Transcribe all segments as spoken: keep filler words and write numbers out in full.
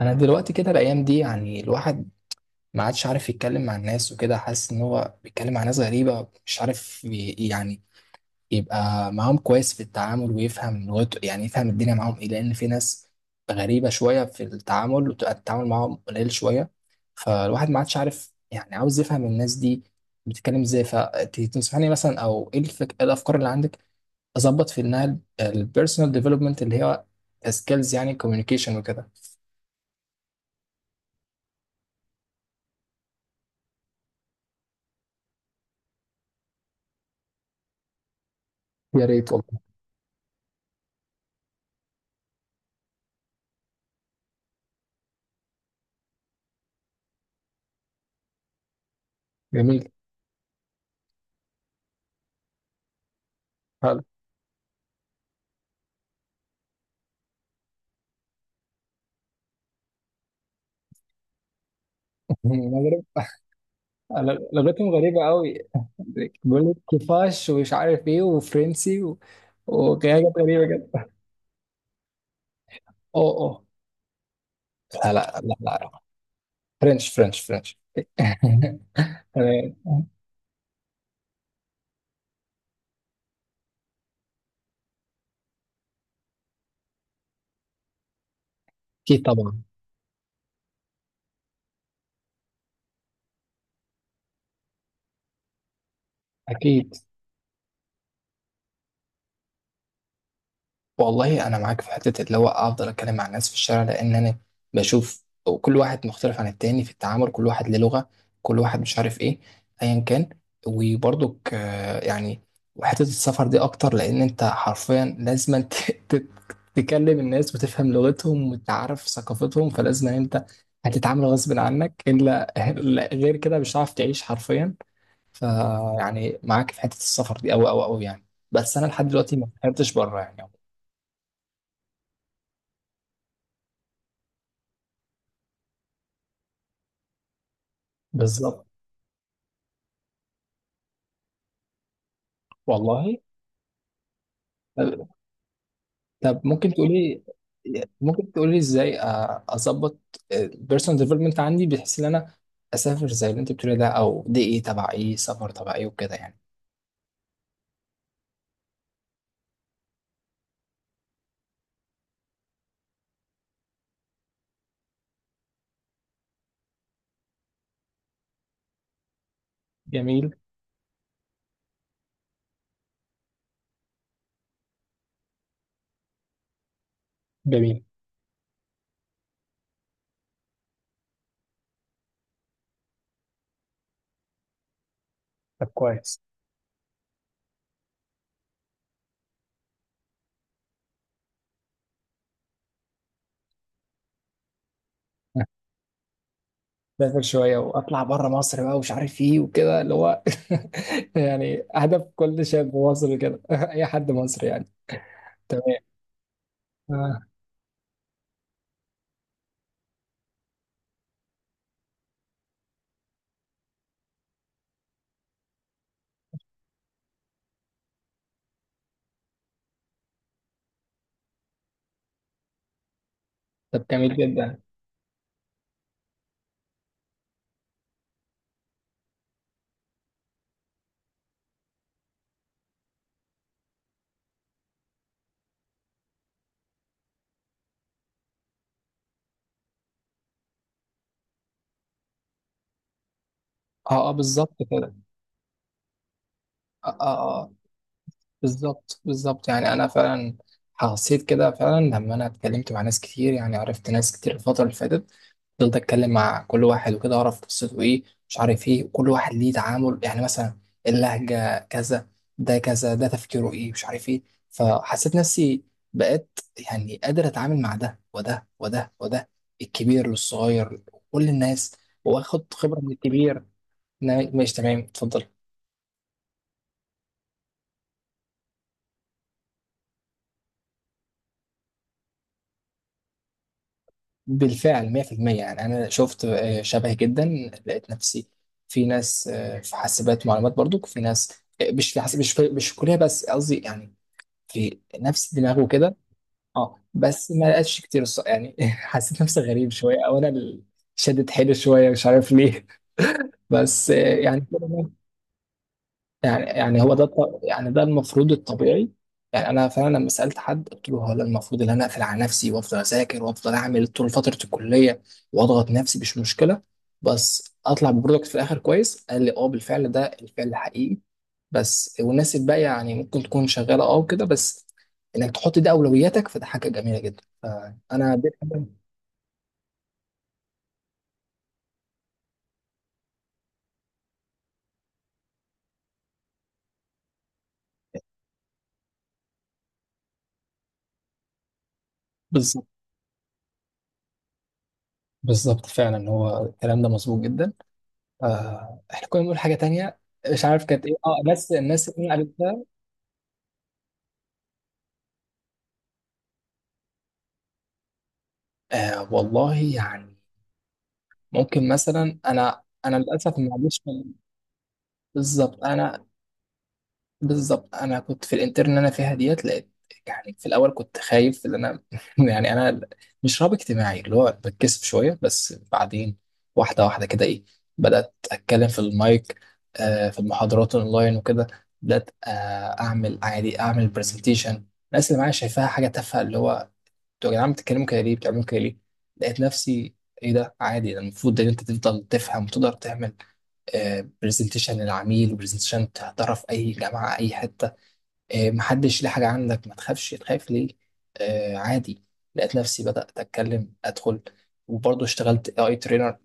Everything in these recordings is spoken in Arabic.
انا دلوقتي كده الايام دي يعني الواحد ما عادش عارف يتكلم مع الناس وكده، حاسس ان هو بيتكلم مع ناس غريبه مش عارف ي- يعني يبقى معاهم كويس في التعامل ويفهم لغته، يعني يفهم الدنيا معاهم ايه، لان في ناس غريبه شويه في التعامل وتبقى التعامل معاهم قليل شويه. فالواحد ما عادش عارف، يعني عاوز يفهم الناس دي بتتكلم ازاي. فتنصحني مثلا؟ او ايه الفك... إيه الافكار اللي عندك اظبط في انها البيرسونال ديفلوبمنت اللي هي سكيلز، يعني كوميونيكيشن وكده. يا ريت والله. جميل. المغرب. لغتهم غريبة قوي. بيقول لك كيفاش ومش عارف ايه وفرنسي و... وحاجات غريبة جدا. اوه اوه. لا لا لا لا. فرنش فرنش فرنش تمام. اكيد طبعا. اكيد. والله انا معاك في حته اللي هو افضل اتكلم مع الناس في الشارع، لان انا بشوف كل واحد مختلف عن التاني في التعامل، كل واحد له لغه، كل واحد مش عارف ايه، ايا كان. وبرضك آه، يعني وحته السفر دي اكتر، لان انت حرفيا لازم ت- ت- تكلم الناس وتفهم لغتهم وتعرف ثقافتهم، فلازم انت هتتعامل غصب عنك، الا إلا غير كده مش هتعرف تعيش حرفيا. فيعني معاك في حته السفر دي اوي اوي اوي يعني. بس انا لحد دلوقتي ما سافرتش بره يعني. بالظبط. والله. طب ممكن تقولي؟ ممكن تقولي ازاي أ- اظبط البيرسونال ديفلوبمنت عندي، بحيث ان انا اسافر زي اللي انت بتقولي ده؟ او دي ايه، تبع ايه، سفر تبع ايه وكده يعني؟ جميل. جميل. طب كويس. اسافر شويه واطلع بره مصر بقى ومش عارف ايه وكده، اللي هو يعني هدف كل شاب مصري كده اي حد مصري يعني. تمام. آه. طب جميل جدا. اه اه بالظبط كده. اه اه آه. بالظبط بالظبط. يعني انا فعلا حسيت كده فعلا لما انا اتكلمت مع ناس كتير، يعني عرفت ناس كتير الفتره اللي فاتت، فضلت اتكلم مع كل واحد وكده، اعرف قصته ايه، مش عارف ايه، وكل واحد ليه تعامل، يعني مثلا اللهجه كذا، ده كذا، ده تفكيره ايه، مش عارف ايه. فحسيت نفسي بقيت يعني قادر اتعامل مع ده وده وده وده، الكبير للصغير، كل الناس، واخد خبره من الكبير. نا- ماشي تمام اتفضل. بالفعل مية في المية يعني. انا شفت آه، شبه جدا، لقيت نفسي في ناس، آه، في حاسبات معلومات، برضو في ناس، آه، مش في حاسب مش في مش في كليه بس، قصدي يعني في نفس الدماغ وكده. اه بس ما لقيتش كتير، الص- يعني حسيت نفسي غريب شويه، او انا اللي شدت حيلي شويه، مش عارف ليه بس آه، يعني يعني يعني هو ده الط- يعني ده المفروض الطبيعي. يعني انا فعلا لما سالت حد قلت له، هو أنا المفروض ان انا اقفل على نفسي وافضل اذاكر وافضل اعمل طول فتره الكليه واضغط نفسي مش مشكله، بس اطلع ببرودكت في الاخر كويس؟ قال لي اه بالفعل ده الفعل الحقيقي، بس والناس الباقيه يعني ممكن تكون شغاله اه وكده، بس انك تحط دي اولوياتك فده حاجه جميله جدا. فانا دي الحاجة- بالظبط. بالظبط فعلا هو الكلام ده مظبوط جدا. آه احنا كنا بنقول حاجة تانية، مش عارف كانت ايه، اه بس الناس اللي انا قابلتها آه والله يعني. ممكن مثلا، انا انا للاسف ما عنديش. بالظبط. انا بالظبط انا كنت في الانترن اللي انا فيها ديت، لقيت يعني في الاول كنت خايف ان انا يعني انا مش رهاب اجتماعي اللي هو بتكسف شوية، بس بعدين واحدة واحدة كده ايه، بدأت اتكلم في المايك آه في المحاضرات اونلاين وكده، بدأت آه اعمل عادي، اعمل برزنتيشن. الناس اللي معايا شايفاها حاجة تافهة، اللي هو انتوا يا جدعان بتتكلموا كده ليه؟ بتعملوا كده ليه؟ لقيت نفسي ايه ده عادي، ده المفروض ان انت تفضل تفهم وتقدر تعمل برزنتيشن للعميل وبرزنتيشن تحضرها في اي جامعه اي حته. آه، محدش ليه حاجه عندك، ما تخافش، تخاف ليه؟ آه، عادي. لقيت نفسي بدات اتكلم ادخل، وبرضه اشتغلت اي ترينر.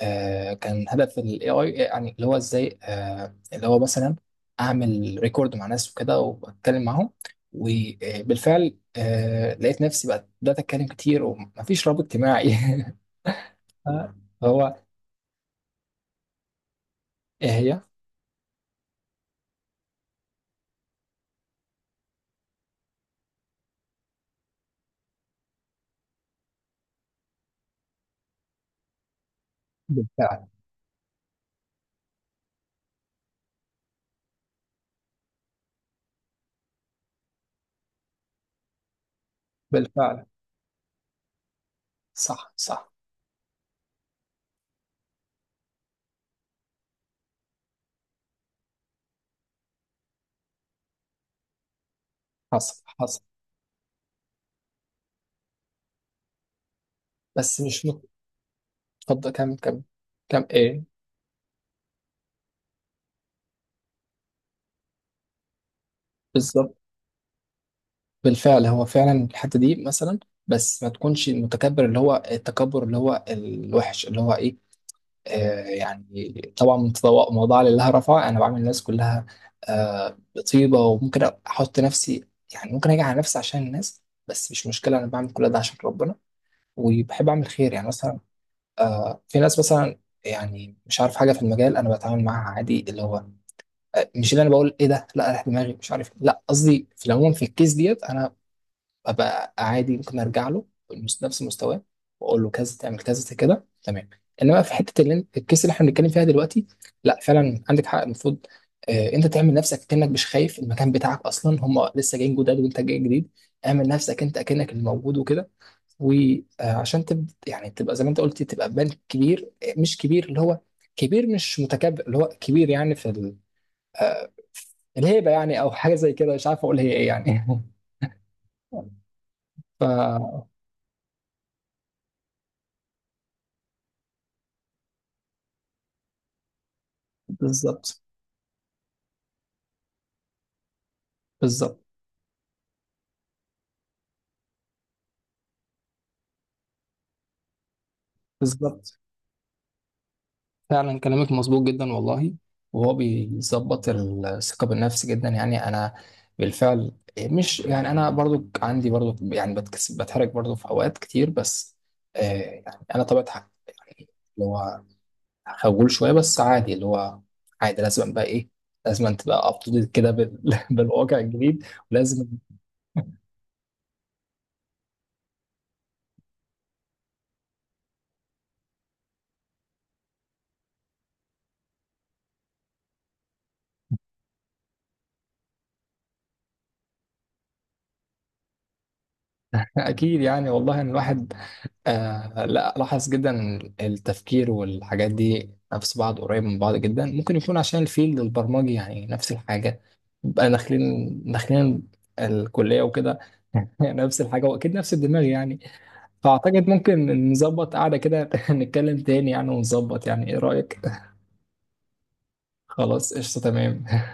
آه، كان هدف ال إيه آي يعني، اللي هو ازاي، آه، اللي هو مثلا اعمل ريكورد مع ناس وكده واتكلم معاهم. وبالفعل آه، لقيت نفسي بقى بدأت اتكلم كتير ومفيش رابط اجتماعي هو. ايه هي؟ بالفعل. بالفعل. صح صح. حصل حصل. بس مش مت- اتفضل. كم كم كم ايه؟ بالظبط. بالفعل هو فعلا الحته دي مثلا، بس ما تكونش المتكبر، اللي هو التكبر اللي هو الوحش، اللي هو إيه؟ آه، يعني طبعا تضوء- موضوع لله رفع. انا بعمل الناس كلها آه، بطيبه، وممكن احط نفسي، يعني ممكن اجي على نفسي عشان الناس، بس مش مشكله، انا بعمل كل ده عشان ربنا، وبحب اعمل خير. يعني مثلا آه، في ناس مثلا، يعني مش عارف حاجه في المجال، انا بتعامل معاها عادي، اللي هو آه، مش اللي انا بقول ايه ده، لا راح دماغي مش عارف، لا قصدي في العموم، في الكيس ديت انا ابقى عادي، ممكن ارجع له بمس- نفس مستواه واقول له كذا تعمل كذا كده تمام. انما في حته اللي إن- الكيس اللي احنا بنتكلم فيها دلوقتي، لا فعلا عندك حق، المفروض آه، انت تعمل نفسك كانك مش خايف، المكان بتاعك اصلا، هم لسه جايين جداد وانت جاي جديد، اعمل نفسك انت كانك اللي موجود وكده. وعشان تبدا يعني تبقى زي ما انت قلت، تبقى بنك كبير، آه، مش كبير اللي هو كبير مش متكبر، اللي هو كبير يعني في ال- آه، الهيبه يعني، او حاجه زي كده، مش عارف اقول هي ايه يعني ف بالظبط. بالظبط. بالظبط فعلا كلامك مظبوط جدا والله. وهو بيظبط الثقة بالنفس جدا. يعني أنا بالفعل، مش يعني أنا برضو عندي برضو يعني بتكسب بتحرك برضو في أوقات كتير، بس آه يعني أنا طبيعة حاجة يعني اللي هو خجول شوية، بس عادي اللي هو عادي، لازم بقى إيه، لازم تبقى أب تو ديت كده بال- بالواقع الجديد ولازم. أكيد يعني والله إن الواحد آه لا لاحظ جدا التفكير والحاجات دي نفس بعض، قريب من بعض جدا. ممكن يكون عشان الفيلد البرمجي، يعني نفس الحاجة، بقى داخلين داخلين الكلية وكده نفس الحاجة وأكيد نفس الدماغ يعني. فأعتقد ممكن نظبط قعدة كده نتكلم تاني يعني، ونظبط يعني، إيه رأيك؟ خلاص قشطة تمام.